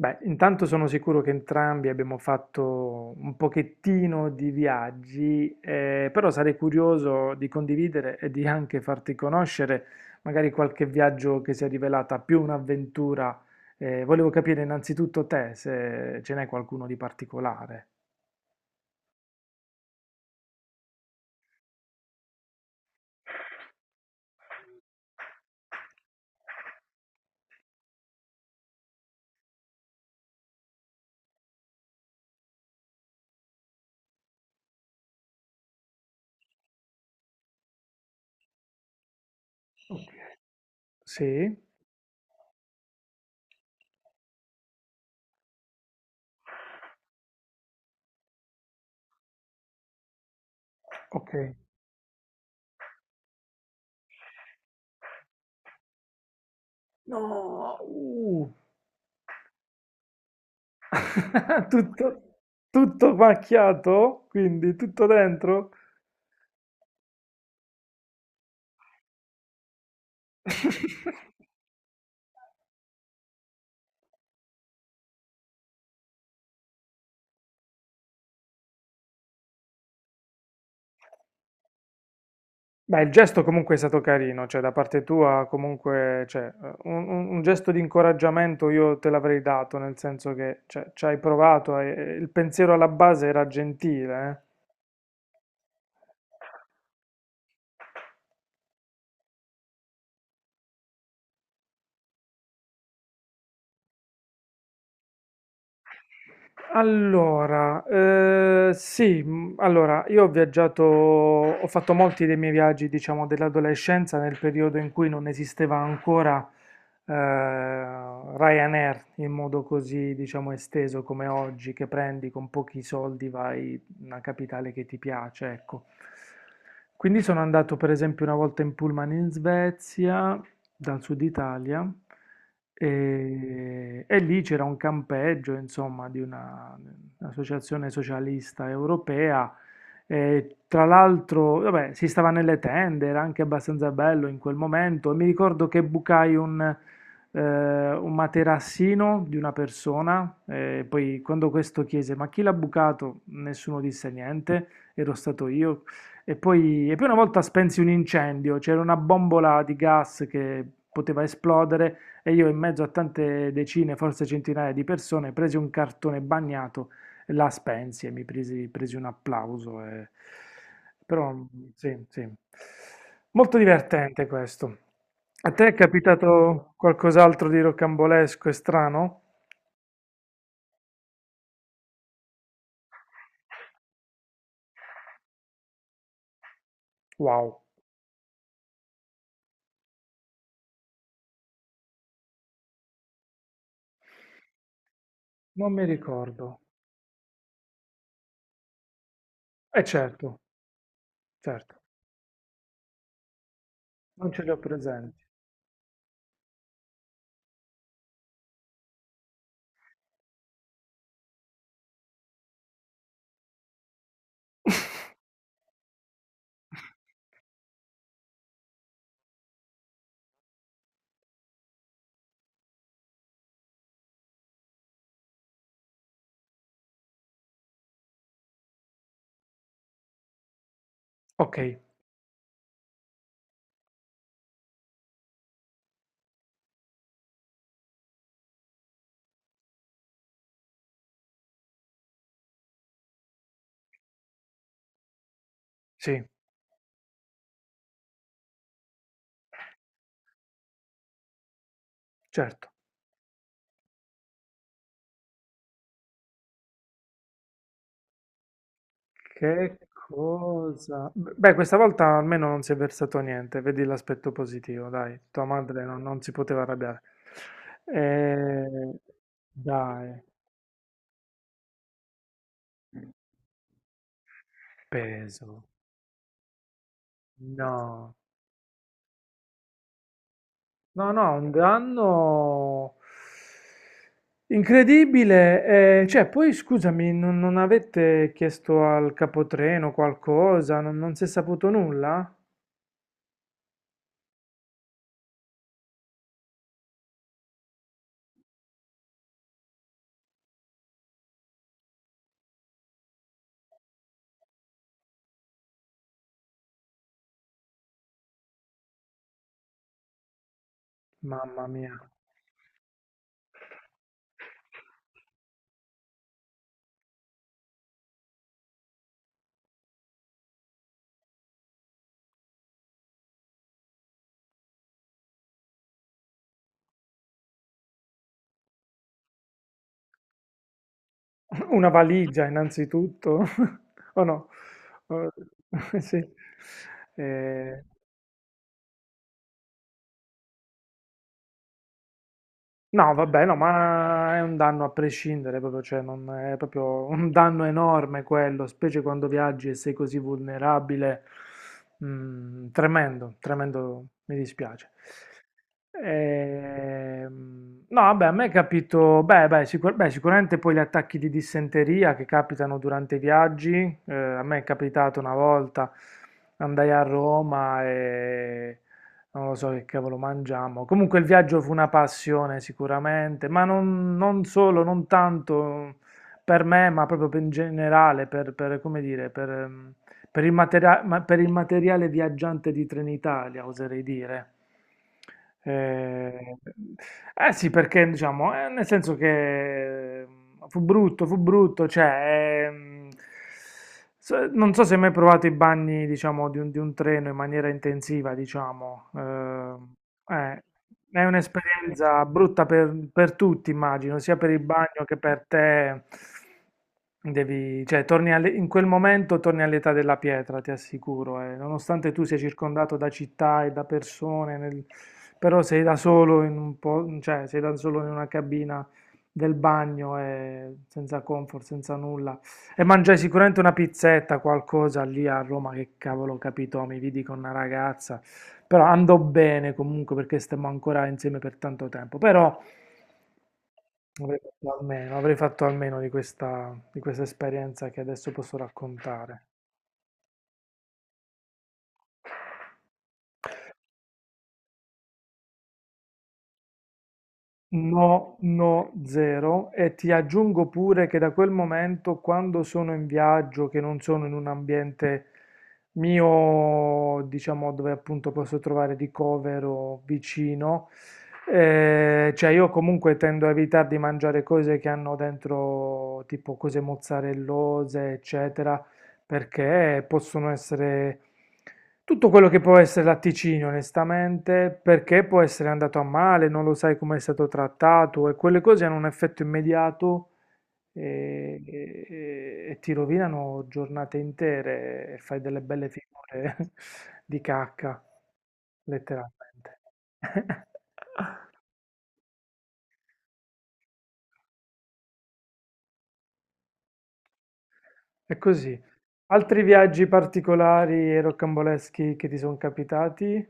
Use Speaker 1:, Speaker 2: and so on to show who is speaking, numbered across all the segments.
Speaker 1: Beh, intanto sono sicuro che entrambi abbiamo fatto un pochettino di viaggi, però sarei curioso di condividere e di anche farti conoscere magari qualche viaggio che si è rivelata più un'avventura. Volevo capire innanzitutto te se ce n'è qualcuno di particolare. Ok. Sì? Ok. No. Tutto, tutto macchiato? Quindi tutto dentro? Beh, il gesto comunque è stato carino, cioè da parte tua comunque, cioè, un gesto di incoraggiamento io te l'avrei dato, nel senso che, cioè, ci hai provato, e il pensiero alla base era gentile, eh. Allora, sì, allora io ho viaggiato, ho fatto molti dei miei viaggi, diciamo, dell'adolescenza nel periodo in cui non esisteva ancora Ryanair in modo così, diciamo, esteso come oggi, che prendi con pochi soldi, vai in una capitale che ti piace, ecco. Quindi sono andato per esempio una volta in pullman in Svezia, dal sud Italia, e lì c'era un campeggio, insomma, un'associazione socialista europea. E tra l'altro, vabbè, si stava nelle tende, era anche abbastanza bello in quel momento. E mi ricordo che bucai un materassino di una persona. E poi, quando questo chiese: "Ma chi l'ha bucato?" Nessuno disse niente. Ero stato io, e poi una volta spensi un incendio, c'era una bombola di gas che poteva esplodere e io in mezzo a tante decine, forse centinaia di persone, presi un cartone bagnato, e la spensi e presi un applauso. Però sì, sì. Molto divertente questo. A te è capitato qualcos'altro di rocambolesco e strano? Wow, non mi ricordo. Eh, certo, certo, non ce li ho presenti. Ok. Sì, certo. Che cosa? Beh, questa volta almeno non si è versato niente, vedi l'aspetto positivo, dai, tua madre non, non si poteva arrabbiare. Eh, dai, peso. No, no, no, un danno incredibile. Eh, cioè, poi scusami, non, non avete chiesto al capotreno qualcosa? Non, non si è saputo nulla? Mamma mia. Una valigia innanzitutto, o no? Sì. Eh, no, vabbè, no, ma è un danno a prescindere, proprio, cioè, non è proprio un danno enorme quello, specie quando viaggi e sei così vulnerabile. Mm, tremendo, tremendo, mi dispiace. No, vabbè, a me è capito, beh, beh, beh, sicuramente poi gli attacchi di dissenteria che capitano durante i viaggi, a me è capitato una volta, andai a Roma e non lo so che cavolo mangiamo. Comunque il viaggio fu una passione sicuramente, ma non, non solo, non tanto per me, ma in generale, per, come dire, per il per il materiale viaggiante di Trenitalia, oserei dire. Eh, eh sì, perché diciamo, nel senso che mm, fu brutto, cioè, non so se hai mai provato i bagni, diciamo, di un treno in maniera intensiva, diciamo. Eh, è un'esperienza brutta per tutti, immagino, sia per il bagno che per te. Devi, cioè, in quel momento torni all'età della pietra, ti assicuro. Eh. Nonostante tu sia circondato da città e da persone, però sei da solo in un po', cioè, sei da solo in una cabina del bagno, senza comfort, senza nulla. E mangiai sicuramente una pizzetta, qualcosa lì a Roma, che cavolo ho capito, mi vidi con una ragazza, però andò bene comunque perché stemmo ancora insieme per tanto tempo, però avrei fatto almeno di questa esperienza che adesso posso raccontare. No, no, zero. E ti aggiungo pure che da quel momento, quando sono in viaggio, che non sono in un ambiente mio, diciamo, dove appunto posso trovare ricovero vicino, cioè io comunque tendo a evitare di mangiare cose che hanno dentro tipo cose mozzarellose, eccetera, perché possono essere tutto quello che può essere latticini, onestamente, perché può essere andato a male, non lo sai come è stato trattato e quelle cose hanno un effetto immediato e ti rovinano giornate intere e fai delle belle figure di cacca, letteralmente. È così. Altri viaggi particolari e rocamboleschi che ti sono capitati?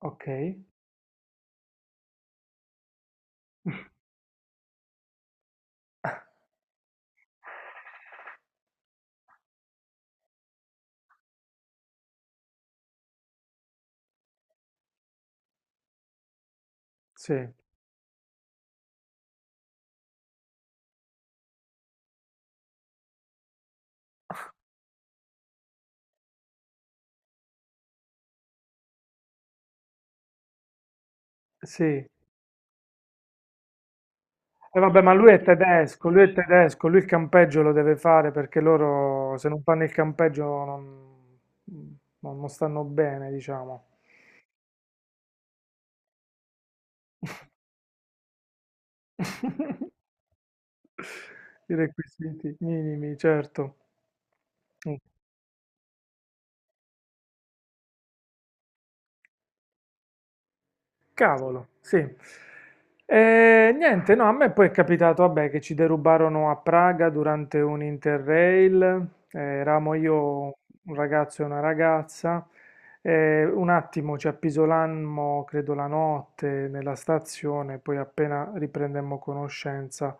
Speaker 1: Ok. Sì, sì. E vabbè, ma lui è tedesco, lui è tedesco, lui il campeggio lo deve fare perché loro se non fanno il campeggio non, non stanno bene, diciamo. I requisiti minimi, certo. Ok. Cavolo, sì. E niente, no, a me poi è capitato, vabbè, che ci derubarono a Praga durante un Interrail, eravamo io, un ragazzo e una ragazza, un attimo ci appisolammo, credo la notte, nella stazione, poi appena riprendemmo conoscenza,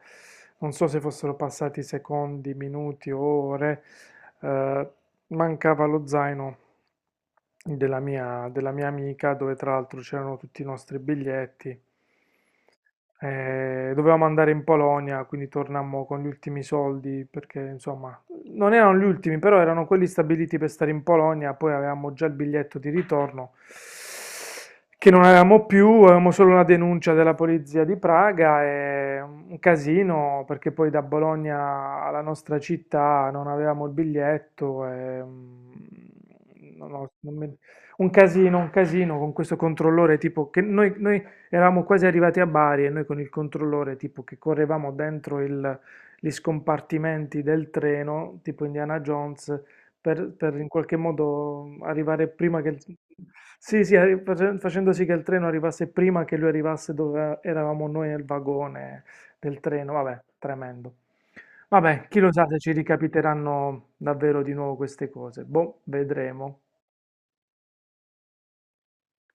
Speaker 1: non so se fossero passati secondi, minuti o ore, eh, mancava lo zaino della mia amica, dove tra l'altro c'erano tutti i nostri biglietti. Dovevamo andare in Polonia, quindi tornammo con gli ultimi soldi, perché insomma, non erano gli ultimi, però erano quelli stabiliti per stare in Polonia, poi avevamo già il biglietto di ritorno che non avevamo più, avevamo solo una denuncia della polizia di Praga e un casino, perché poi da Bologna alla nostra città non avevamo il biglietto e, mm, non ho- non mi- un casino, un casino con questo controllore, tipo che noi eravamo quasi arrivati a Bari e noi con il controllore, tipo che correvamo dentro gli scompartimenti del treno, tipo Indiana Jones, per in qualche modo arrivare prima che... Sì, sì, facendo sì che il treno arrivasse prima che lui arrivasse dove eravamo noi nel vagone del treno. Vabbè, tremendo. Vabbè, chi lo sa se ci ricapiteranno davvero di nuovo queste cose. Boh, vedremo.